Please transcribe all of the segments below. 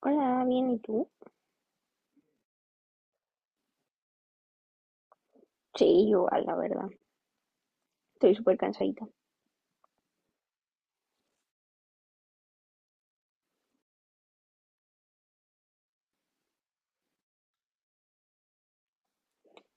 Hola, bien, ¿y tú? Sí, igual, la verdad. Estoy súper cansadita.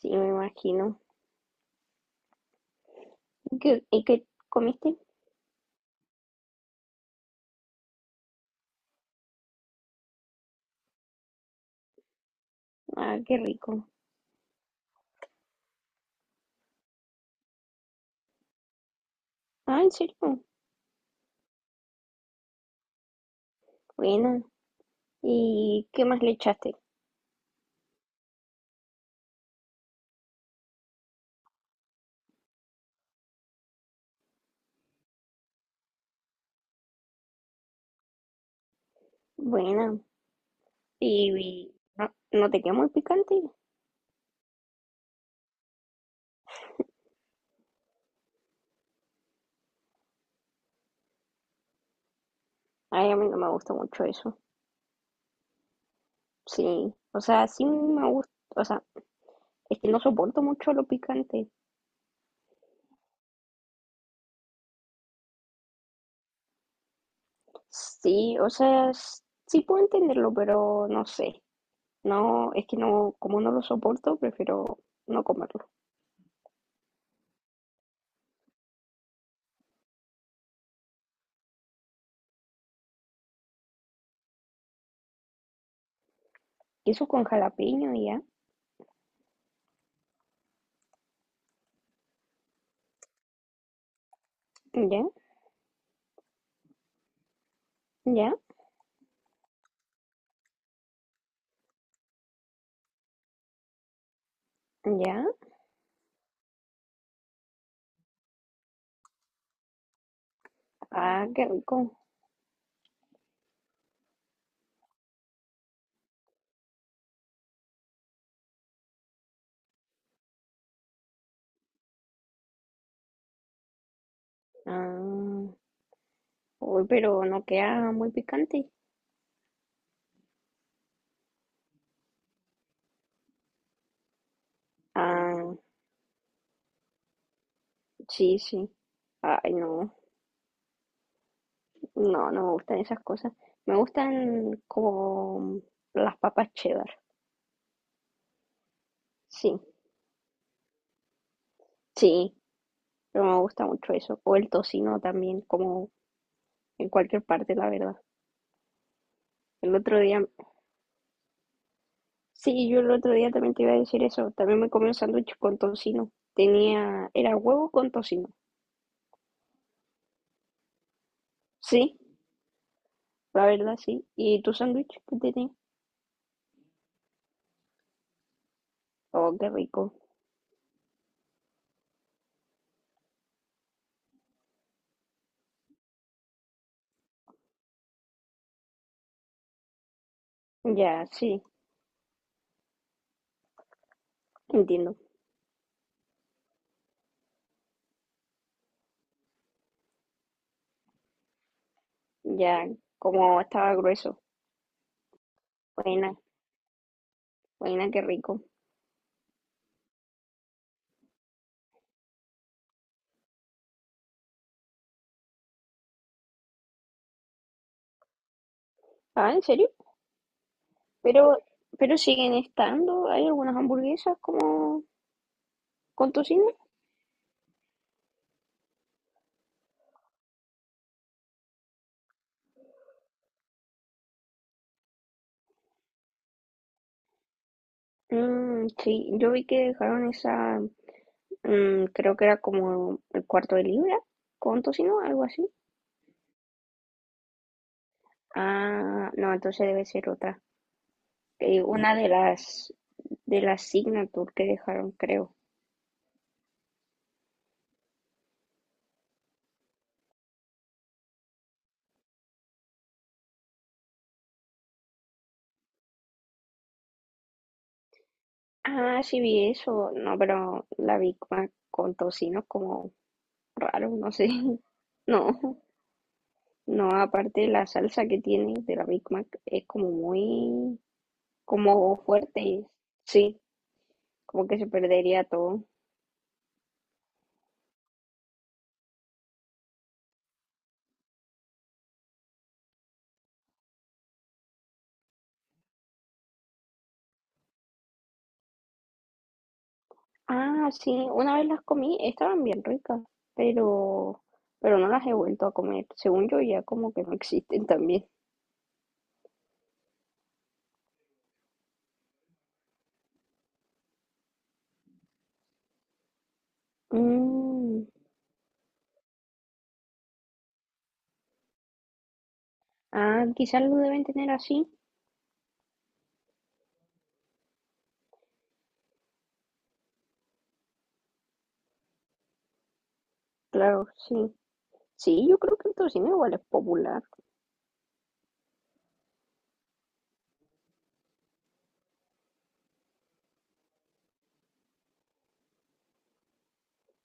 Sí, me imagino. Y qué comiste? Ah, qué rico. Ah, ¿en serio? Buena. ¿Y qué más le echaste? Buena. ¿Y, y no te queda muy picante? Ay, a mí no me gusta mucho eso. Sí, o sea, sí me gusta, o sea, es que no soporto mucho lo picante. Sí, o sea, sí puedo entenderlo, pero no sé. No, es que no, como no lo soporto, prefiero no comerlo. Queso con jalapeño, ya, ya, ya, ya. Ah, qué rico. Ah, uy, pero no queda muy picante. Ah, sí, sí. Ay, no, no, no me gustan esas cosas. Me gustan como las papas cheddar. Sí, sí, pero me gusta mucho eso. O el tocino también, como en cualquier parte, la verdad. El otro día, sí, yo el otro día también te iba a decir eso. También me comí un sándwich con tocino. Tenía, era huevo con tocino. Sí. La verdad, sí. ¿Y tu sándwich que tiene? Oh, qué rico. Ya, sí, entiendo. Ya, como estaba grueso. Buena, buena, qué rico. Ah, ¿en serio? Pero, pero siguen estando. ¿Hay algunas hamburguesas como con tocino? Mm, sí, yo vi que dejaron esa, mm, creo que era como el cuarto de libra con tocino, algo así. Ah, no, entonces debe ser otra. Una de las Signature que dejaron, creo. Ah, sí vi eso. No, pero la Big Mac con tocino es como raro, no sé. No, no, aparte la salsa que tiene de la Big Mac es como muy, como fuerte. Sí, como que se perdería todo. Ah, sí, una vez las comí, estaban bien ricas, pero, pero no las he vuelto a comer. Según yo ya como que no existen también. Mm, ah, quizás lo deben tener así. Claro, sí. Sí, yo creo que el tocino igual es popular.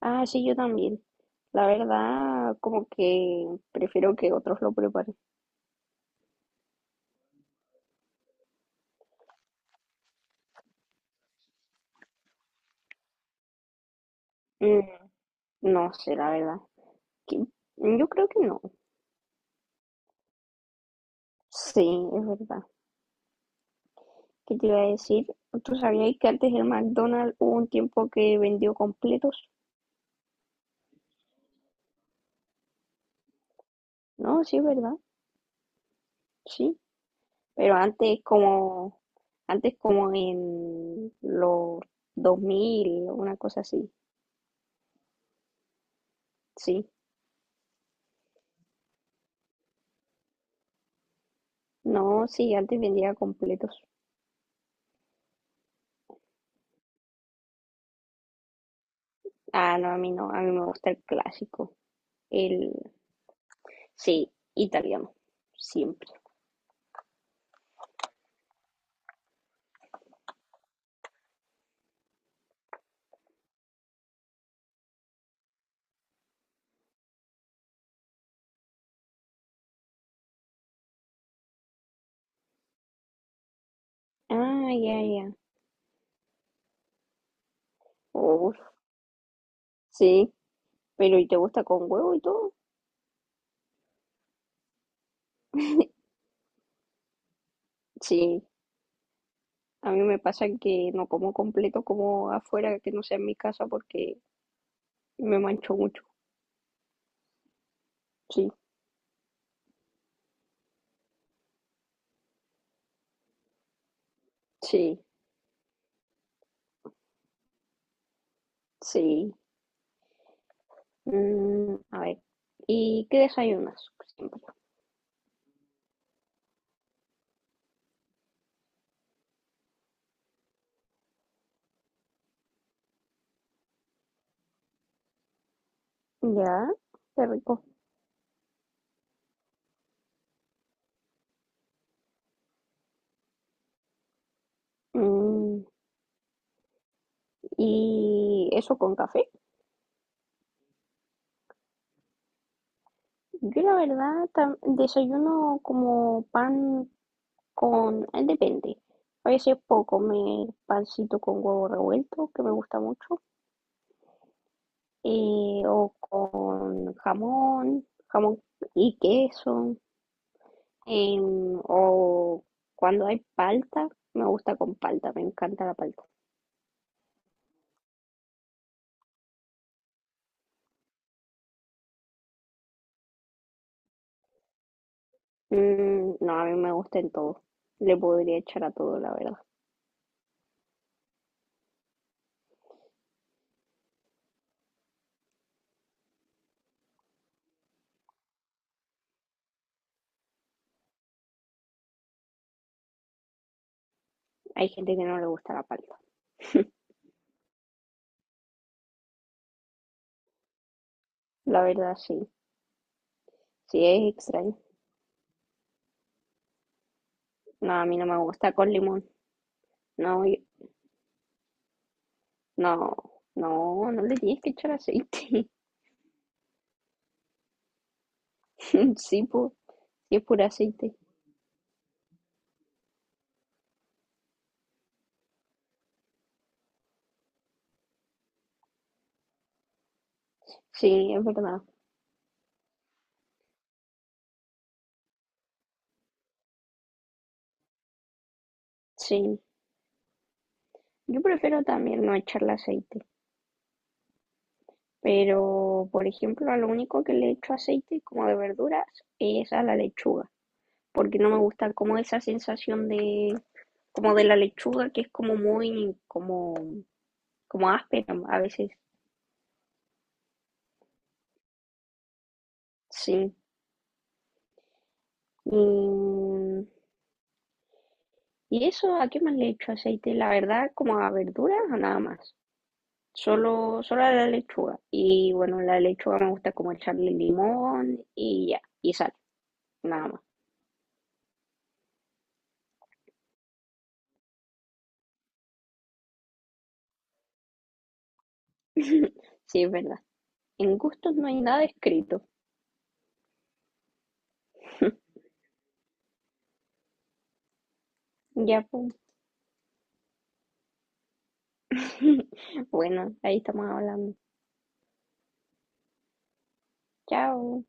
Ah, sí, yo también. La verdad, como que prefiero que otros lo preparen. Mm, no sé, la verdad. Que- mm, yo creo que no. Sí, es verdad. ¿Qué te iba a decir? ¿Tú sabías que antes el McDonald's hubo un tiempo que vendió completos? No, sí, es verdad. Sí. Pero antes como en los 2000 una cosa así. Sí. No, sí, antes vendía completos. Ah, no, a mí no. A mí me gusta el clásico. El, sí, italiano, siempre. Ah, ya, ya. Uf, sí, pero ¿y te gusta con huevo y todo? Sí, a mí me pasa que no como completo como afuera, que no sea en mi casa porque me mancho mucho. Sí, sí, sí. Mm, a ver, ¿y qué desayunas siempre? Ya, qué rico. Mm, ¿y eso con café? Yo la verdad desayuno como pan con, depende. A veces puedo comer pancito con huevo revuelto, que me gusta mucho, o con jamón, jamón y queso, em, o cuando hay palta, me gusta con palta, me encanta la palta. Mm, no, a mí me gusta en todo. Le podría echar a todo, la verdad. Hay gente que no le gusta la palta. La verdad, sí. Sí, es extraño. No, a mí no me gusta con limón. No, yo- no, no, no le tienes que echar aceite. Sí, po, y es puro aceite. Sí, es verdad. Sí, yo prefiero también no echarle aceite, pero por ejemplo, a lo único que le echo aceite como de verduras es a la lechuga, porque no me gusta como esa sensación de como de la lechuga que es como muy como como áspera a veces. Sí. Y, y eso, ¿a qué más le echo aceite? La verdad, como a verduras o nada más. Solo, solo la lechuga. Y bueno, la lechuga me gusta como echarle limón y ya, y sal, nada más. Sí, es verdad. En gustos no hay nada escrito. Ya, pues. Bueno, ahí estamos hablando. Chao.